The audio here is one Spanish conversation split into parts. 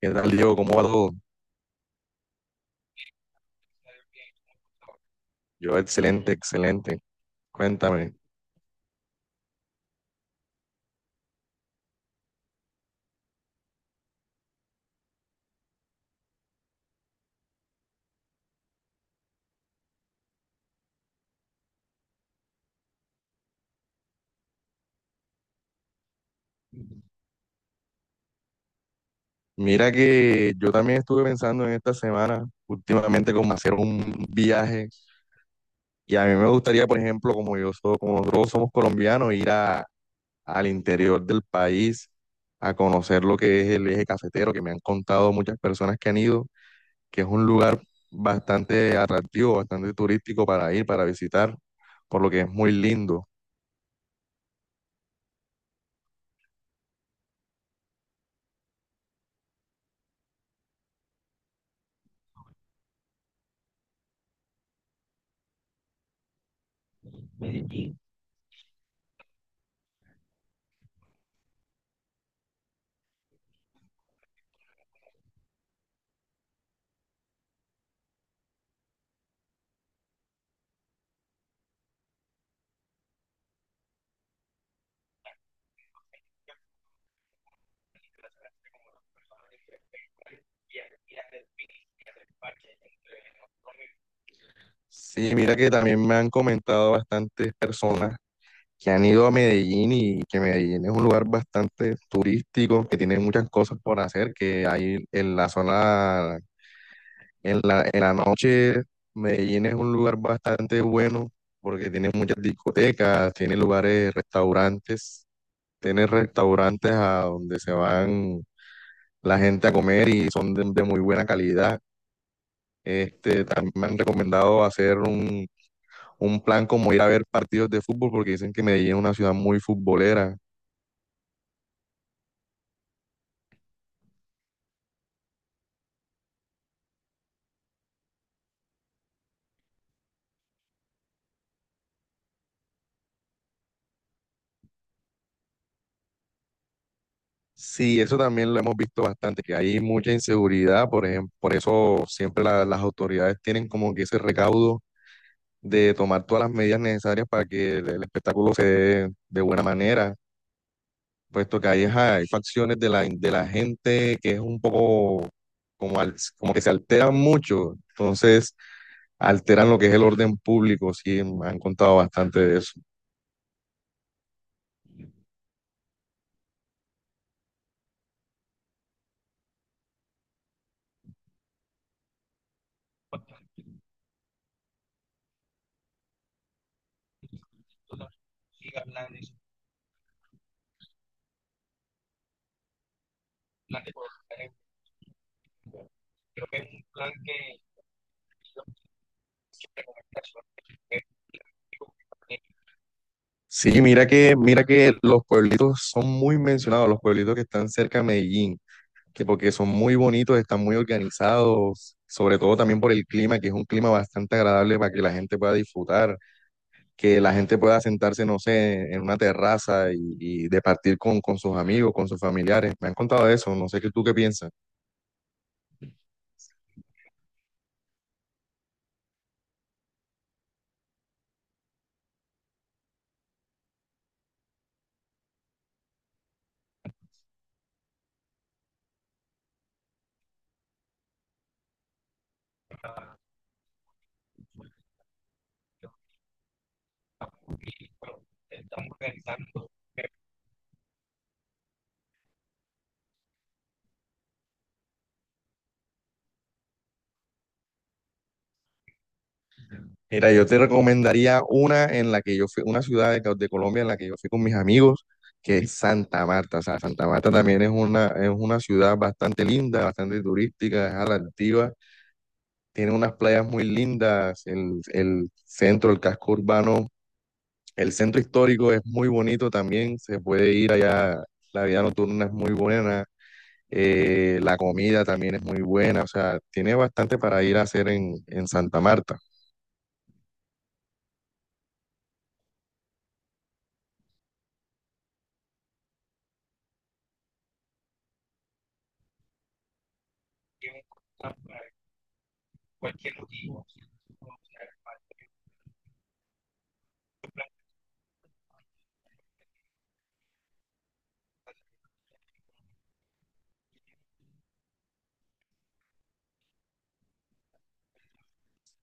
¿Qué tal, Diego? ¿Cómo va todo? Yo, excelente, excelente. Cuéntame. Mira que yo también estuve pensando en esta semana, últimamente, como hacer un viaje. Y a mí me gustaría, por ejemplo, como yo soy, como nosotros somos colombianos, al interior del país a conocer lo que es el eje cafetero, que me han contado muchas personas que han ido, que es un lugar bastante atractivo, bastante turístico para ir, para visitar, por lo que es muy lindo. Sí, mira que también me han comentado bastantes personas que han ido a Medellín y que Medellín es un lugar bastante turístico, que tiene muchas cosas por hacer, que hay en la zona, en la noche, Medellín es un lugar bastante bueno porque tiene muchas discotecas, tiene lugares, restaurantes, tiene restaurantes a donde se van la gente a comer y son de muy buena calidad. Este, también me han recomendado un plan como ir a ver partidos de fútbol porque dicen que Medellín es una ciudad muy futbolera. Sí, eso también lo hemos visto bastante, que hay mucha inseguridad, por eso siempre las autoridades tienen como que ese recaudo de tomar todas las medidas necesarias para que el espectáculo se dé de buena manera, puesto que hay ajá, hay facciones de de la gente que es un poco como, como que se alteran mucho, entonces alteran lo que es el orden público, sí, me han contado bastante de eso. Sí, mira que los pueblitos son muy mencionados, los pueblitos que están cerca de Medellín, que porque son muy bonitos, están muy organizados, sobre todo también por el clima, que es un clima bastante agradable para que la gente pueda disfrutar, que la gente pueda sentarse, no sé, en una terraza y departir con sus amigos, con sus familiares. Me han contado eso, no sé qué tú qué piensas. Mira, yo te recomendaría una en la que yo fui, una ciudad de Colombia en la que yo fui con mis amigos, que es Santa Marta, o sea, Santa Marta también es una ciudad bastante linda, bastante turística, es atractiva, tiene unas playas muy lindas, el centro, el casco urbano, el centro histórico es muy bonito también, se puede ir allá, la vida nocturna es muy buena, la comida también es muy buena, o sea, tiene bastante para ir a hacer en Santa Marta.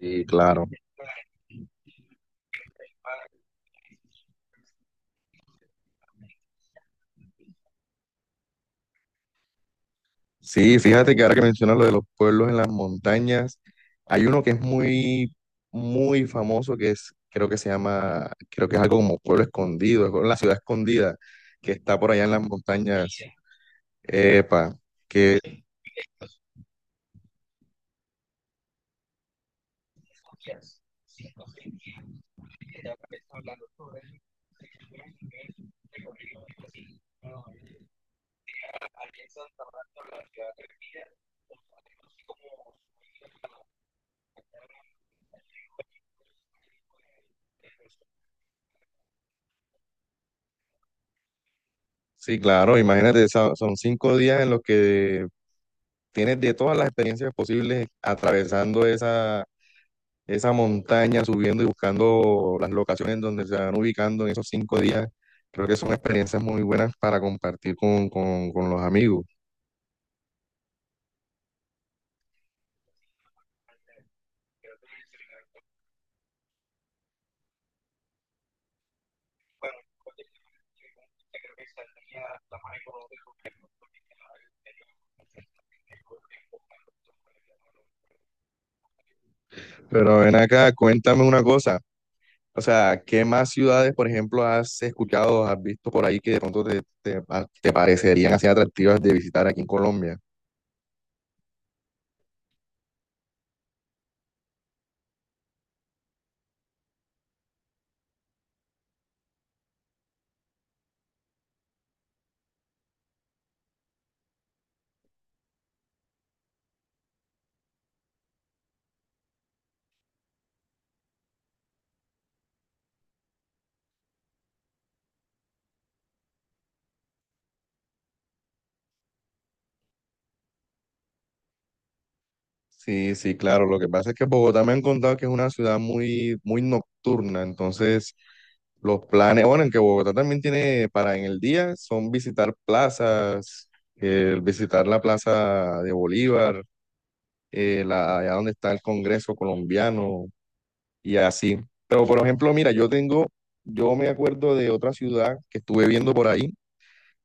Y claro, sí, fíjate que ahora que mencionas lo de los pueblos en las montañas, hay uno que es muy, muy famoso que es, creo que se llama, creo que es algo como Pueblo Escondido, es como la ciudad escondida que está por allá en las montañas. Epa, que sí, claro, imagínate, esa- son 5 días en los que tienes de todas las experiencias posibles atravesando esa, esa montaña, subiendo y buscando las locaciones donde se van ubicando en esos 5 días. Creo que son experiencias muy buenas para compartir con los amigos. Pero ven acá, cuéntame una cosa. O sea, ¿qué más ciudades, por ejemplo, has escuchado, has visto por ahí que de pronto te parecerían así atractivas de visitar aquí en Colombia? Sí, sí, claro. Lo que pasa es que Bogotá me han contado que es una ciudad muy, muy nocturna. Entonces, los planes, bueno, en que Bogotá también tiene para en el día, son visitar plazas, visitar la Plaza de Bolívar, allá donde está el Congreso colombiano y así. Pero, por ejemplo, mira, yo me acuerdo de otra ciudad que estuve viendo por ahí,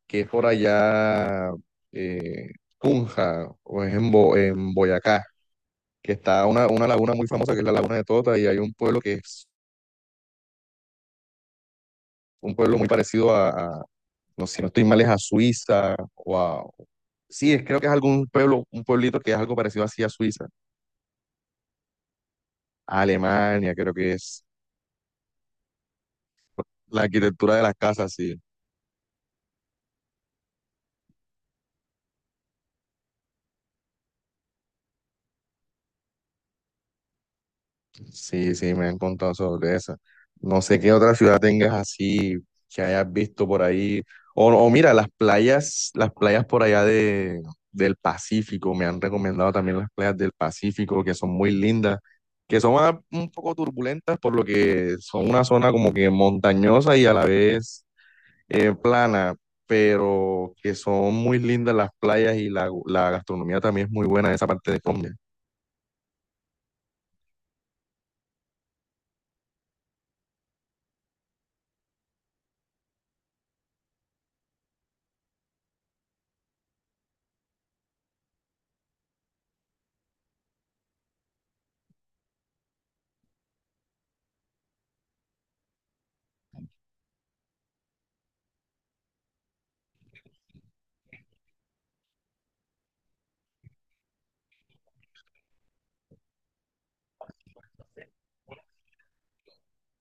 que es por allá, eh, Tunja, o es en, Bo- en Boyacá, que está una laguna muy famosa que es la Laguna de Tota y hay un pueblo que es un pueblo muy parecido a- no sé, si no estoy mal, es a Suiza o a... Sí, es, creo que es algún pueblo, un pueblito que es algo parecido así a Suiza, a Alemania, creo que es la arquitectura de las casas, sí. Sí, sí, me han contado sobre esa. No sé qué otra ciudad tengas así que hayas visto por ahí. O mira, las playas por allá del Pacífico. Me han recomendado también las playas del Pacífico, que son muy lindas, que son ah, un poco turbulentas, por lo que son una zona como que montañosa y a la vez plana, pero que son muy lindas las playas y la gastronomía también es muy buena en esa parte de Colombia.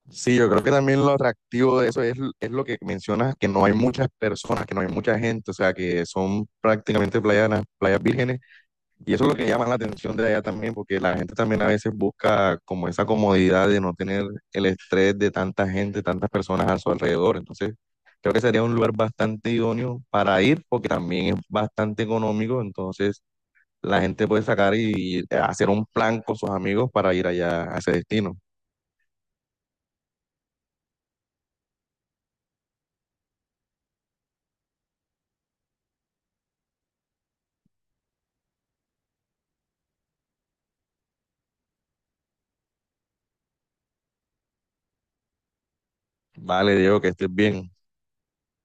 Sí, yo creo que también lo atractivo de eso es lo que mencionas, que no hay muchas personas, que no hay mucha gente, o sea, que son prácticamente playas, na- playas vírgenes, y eso es lo que llama la atención de allá también, porque la gente también a veces busca como esa comodidad de no tener el estrés de tanta gente, tantas personas a su alrededor, entonces creo que sería un lugar bastante idóneo para ir, porque también es bastante económico, entonces la gente puede sacar y, hacer un plan con sus amigos para ir allá a ese destino. Vale, Diego, que estés bien.